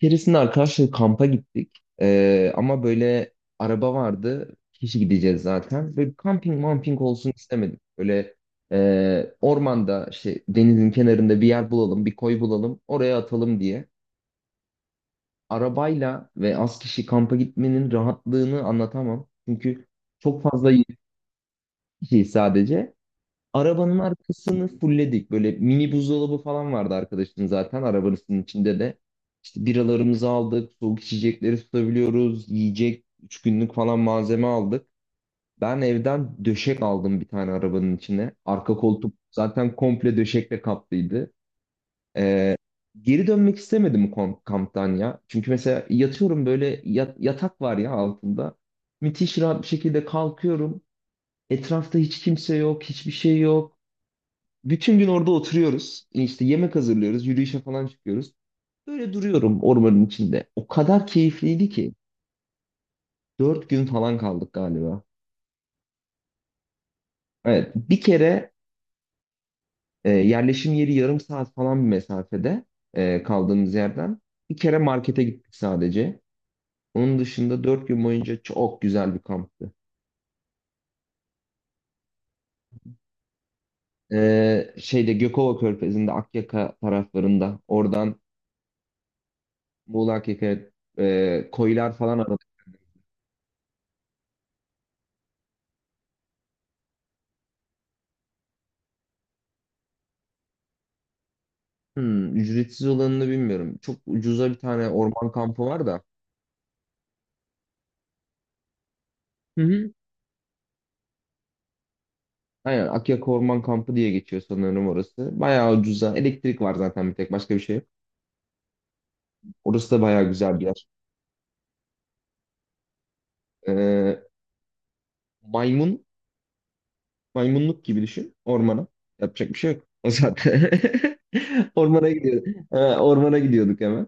Keresinde arkadaşlar kampa gittik. Ama böyle araba vardı. Kişi gideceğiz zaten. Böyle kamping mamping olsun istemedik. Böyle ormanda işte denizin kenarında bir yer bulalım, bir koy bulalım. Oraya atalım diye. Arabayla ve az kişi kampa gitmenin rahatlığını anlatamam. Çünkü çok fazla kişi sadece. Arabanın arkasını fulledik. Böyle mini buzdolabı falan vardı arkadaşın zaten arabasının içinde de. İşte biralarımızı aldık, soğuk içecekleri tutabiliyoruz, yiyecek, üç günlük falan malzeme aldık. Ben evden döşek aldım bir tane arabanın içine. Arka koltuk zaten komple döşekle kaplıydı. Ee, Geri dönmek istemedim kamptan ya. Çünkü mesela yatıyorum böyle yatak var ya altında. Müthiş rahat bir şekilde kalkıyorum. Etrafta hiç kimse yok, hiçbir şey yok. Bütün gün orada oturuyoruz. İşte yemek hazırlıyoruz. Yürüyüşe falan çıkıyoruz. Böyle duruyorum ormanın içinde. O kadar keyifliydi ki. Dört gün falan kaldık galiba. Evet. Bir kere yerleşim yeri yarım saat falan bir mesafede kaldığımız yerden. Bir kere markete gittik sadece. Onun dışında dört gün boyunca çok güzel bir kamptı. Şeyde Gökova Körfezi'nde, Akyaka taraflarında. Oradan Muğla Akyaka'ya koylar falan. Hmm, ücretsiz olanını bilmiyorum. Çok ucuza bir tane orman kampı var da. Hı hı. Aynen Akyaka Orman Kampı diye geçiyor sanırım orası. Bayağı ucuza. Elektrik var zaten, bir tek başka bir şey yok. Orası da bayağı güzel bir yer. Ee, maymun, Maymunluk gibi düşün ormana. Yapacak bir şey yok. O zaten. Ormana gidiyor. Ormana gidiyorduk hemen.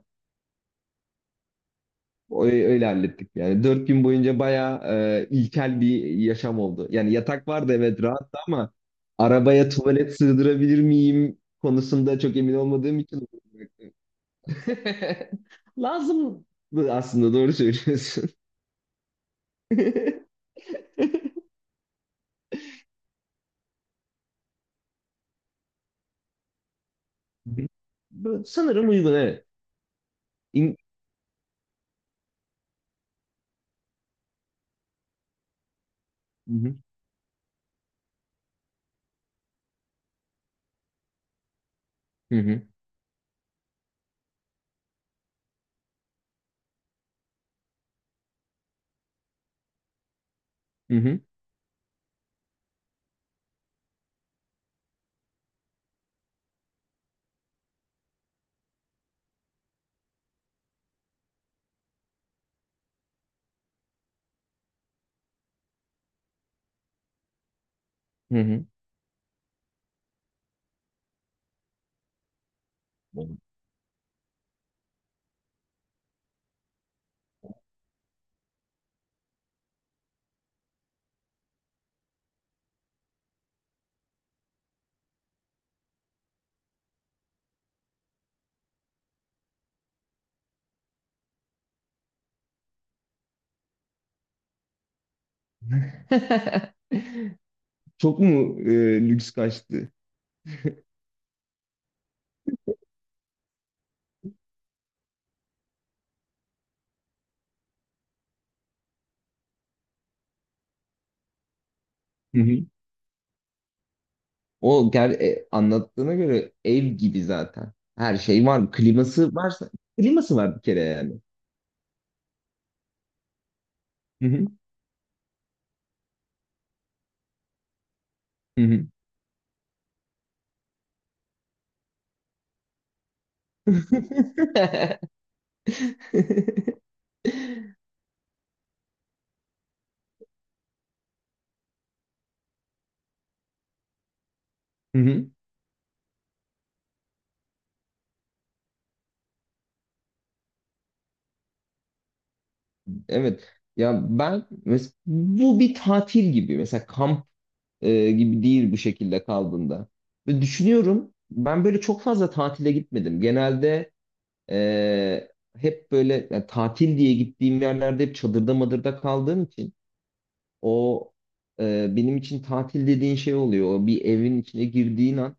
Öyle hallettik yani. Dört gün boyunca bayağı ilkel bir yaşam oldu. Yani yatak vardı, evet, rahattı ama arabaya tuvalet sığdırabilir miyim konusunda çok emin olmadığım için. Lazım aslında, doğru söylüyorsun. Bu- bu sanırım uygun, evet. İn- Hı hı, hı hı, hı, hı hı. Çok mu lüks kaçtı? Anlattığına göre ev gibi zaten. Her şey var. Kliması varsa, kliması var bir kere yani. Hı hı. Hı hı. Hı hı. Evet. Bu bir tatil gibi. Mesela kamp gibi değil bu şekilde kaldığında. Ve düşünüyorum, ben böyle çok fazla tatile gitmedim. Genelde e, hep böyle, yani tatil diye gittiğim yerlerde hep çadırda madırda kaldığım için O benim için tatil dediğin şey oluyor. O, bir evin içine girdiğin an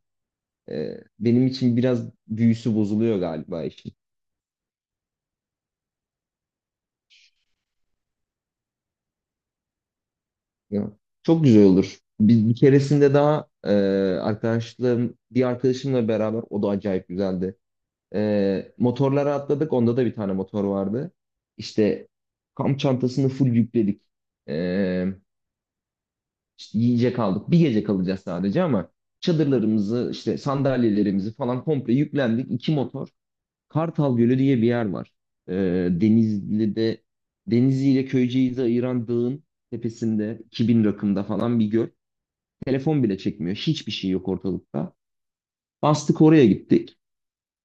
benim için biraz büyüsü bozuluyor galiba işin. Ya, çok güzel olur. Bir keresinde daha bir arkadaşımla beraber, o da acayip güzeldi. Motorlara atladık. Onda da bir tane motor vardı. İşte kamp çantasını full yükledik. E, işte yiyecek aldık. Bir gece kalacağız sadece ama çadırlarımızı, işte sandalyelerimizi falan komple yüklendik. İki motor. Kartal Gölü diye bir yer var. Denizli'de, Denizli ile Köyceğiz'i ayıran dağın tepesinde 2000 rakımda falan bir göl. Telefon bile çekmiyor. Hiçbir şey yok ortalıkta. Bastık, oraya gittik.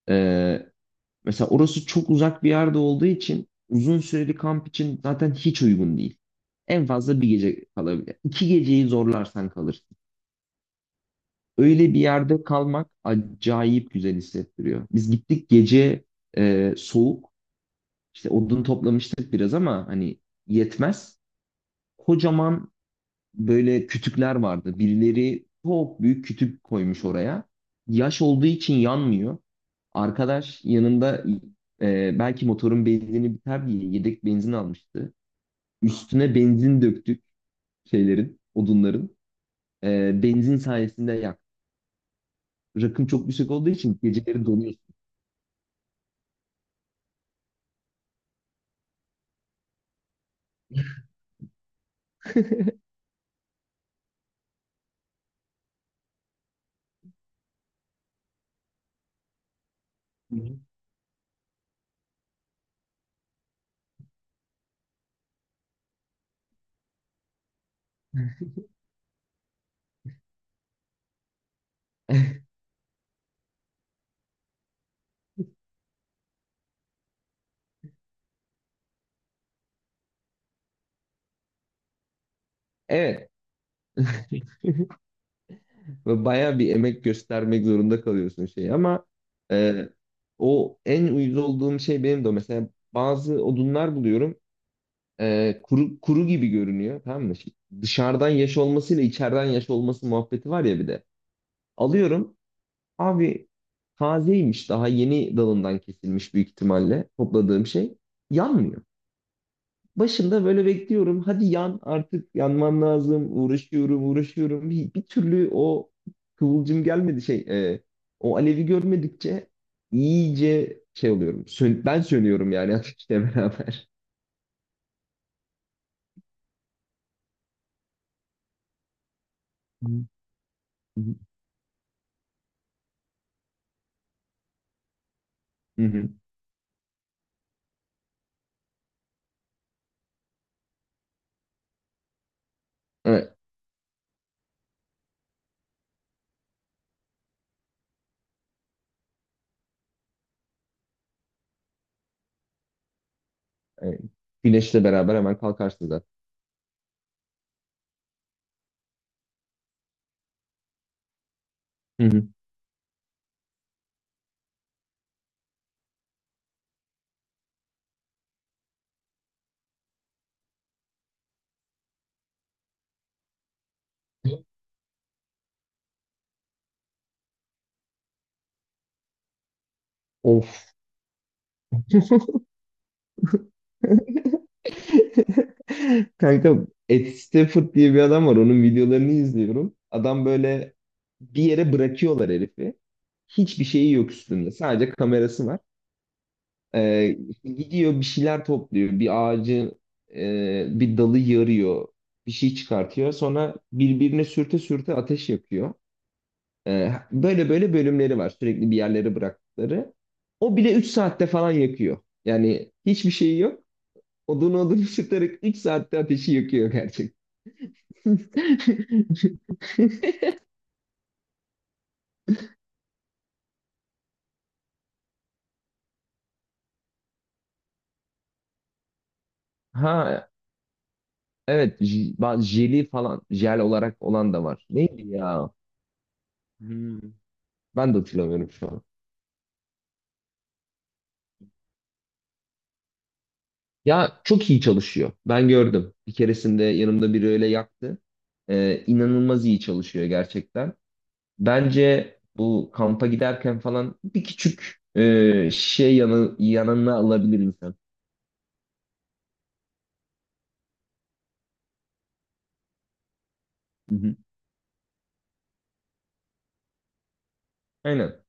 Ee, Mesela orası çok uzak bir yerde olduğu için uzun süreli kamp için zaten hiç uygun değil. En fazla bir gece kalabilir. İki geceyi zorlarsan kalırsın. Öyle bir yerde kalmak acayip güzel hissettiriyor. Biz gittik, gece soğuk. İşte odun toplamıştık biraz ama hani yetmez. Kocaman böyle kütükler vardı. Birileri çok büyük kütük koymuş oraya. Yaş olduğu için yanmıyor. Arkadaş yanında belki motorun benzini biter diye yedek benzin almıştı. Üstüne benzin döktük şeylerin, odunların. Benzin sayesinde yak. Rakım çok yüksek olduğu için geceleri donuyorsun. Hı hı. Evet. Ve bayağı bir emek göstermek zorunda kalıyorsun şey ama e, o en uyuz olduğum şey benim de o. Mesela bazı odunlar buluyorum kuru gibi görünüyor, tamam mı? Şey, dışarıdan yaş olmasıyla içeriden yaş olması muhabbeti var ya bir de. Alıyorum, abi, tazeymiş, daha yeni dalından kesilmiş büyük ihtimalle topladığım şey, yanmıyor. Başında böyle bekliyorum. Hadi yan artık, yanman lazım. Uğraşıyorum, uğraşıyorum. Bir türlü o kıvılcım gelmedi şey. O alevi görmedikçe iyice şey oluyorum. Ben sönüyorum yani ateşle beraber. Hı hı. Hı hı. Evet, evet. Güneşle beraber hemen kalkarsın zaten. Hı hı. Of. Kanka, Ed Stafford diye bir adam var. Onun videolarını izliyorum. Adam böyle bir yere bırakıyorlar herifi. Hiçbir şeyi yok üstünde. Sadece kamerası var. Ee, Gidiyor, bir şeyler topluyor. Bir ağacı, bir dalı yarıyor. Bir şey çıkartıyor. Sonra birbirine sürte sürte ateş yakıyor. Böyle böyle bölümleri var. Sürekli bir yerlere bıraktıkları. O bile 3 saatte falan yakıyor. Yani hiçbir şeyi yok. Odun odun ısıtarak 3 saatte ateşi yakıyor gerçekten. Ha, evet, jeli falan, jel olarak olan da var. Neydi ya? Hmm, ben de hatırlamıyorum şu an. Ya çok iyi çalışıyor. Ben gördüm. Bir keresinde yanımda biri öyle yaktı. İnanılmaz iyi çalışıyor gerçekten. Bence bu, kampa giderken falan bir küçük yanına alabilir insan. Hı hı. Aynen.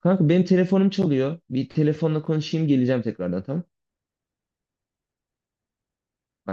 Kanka, benim telefonum çalıyor. Bir telefonla konuşayım, geleceğim tekrardan, tamam. Bye.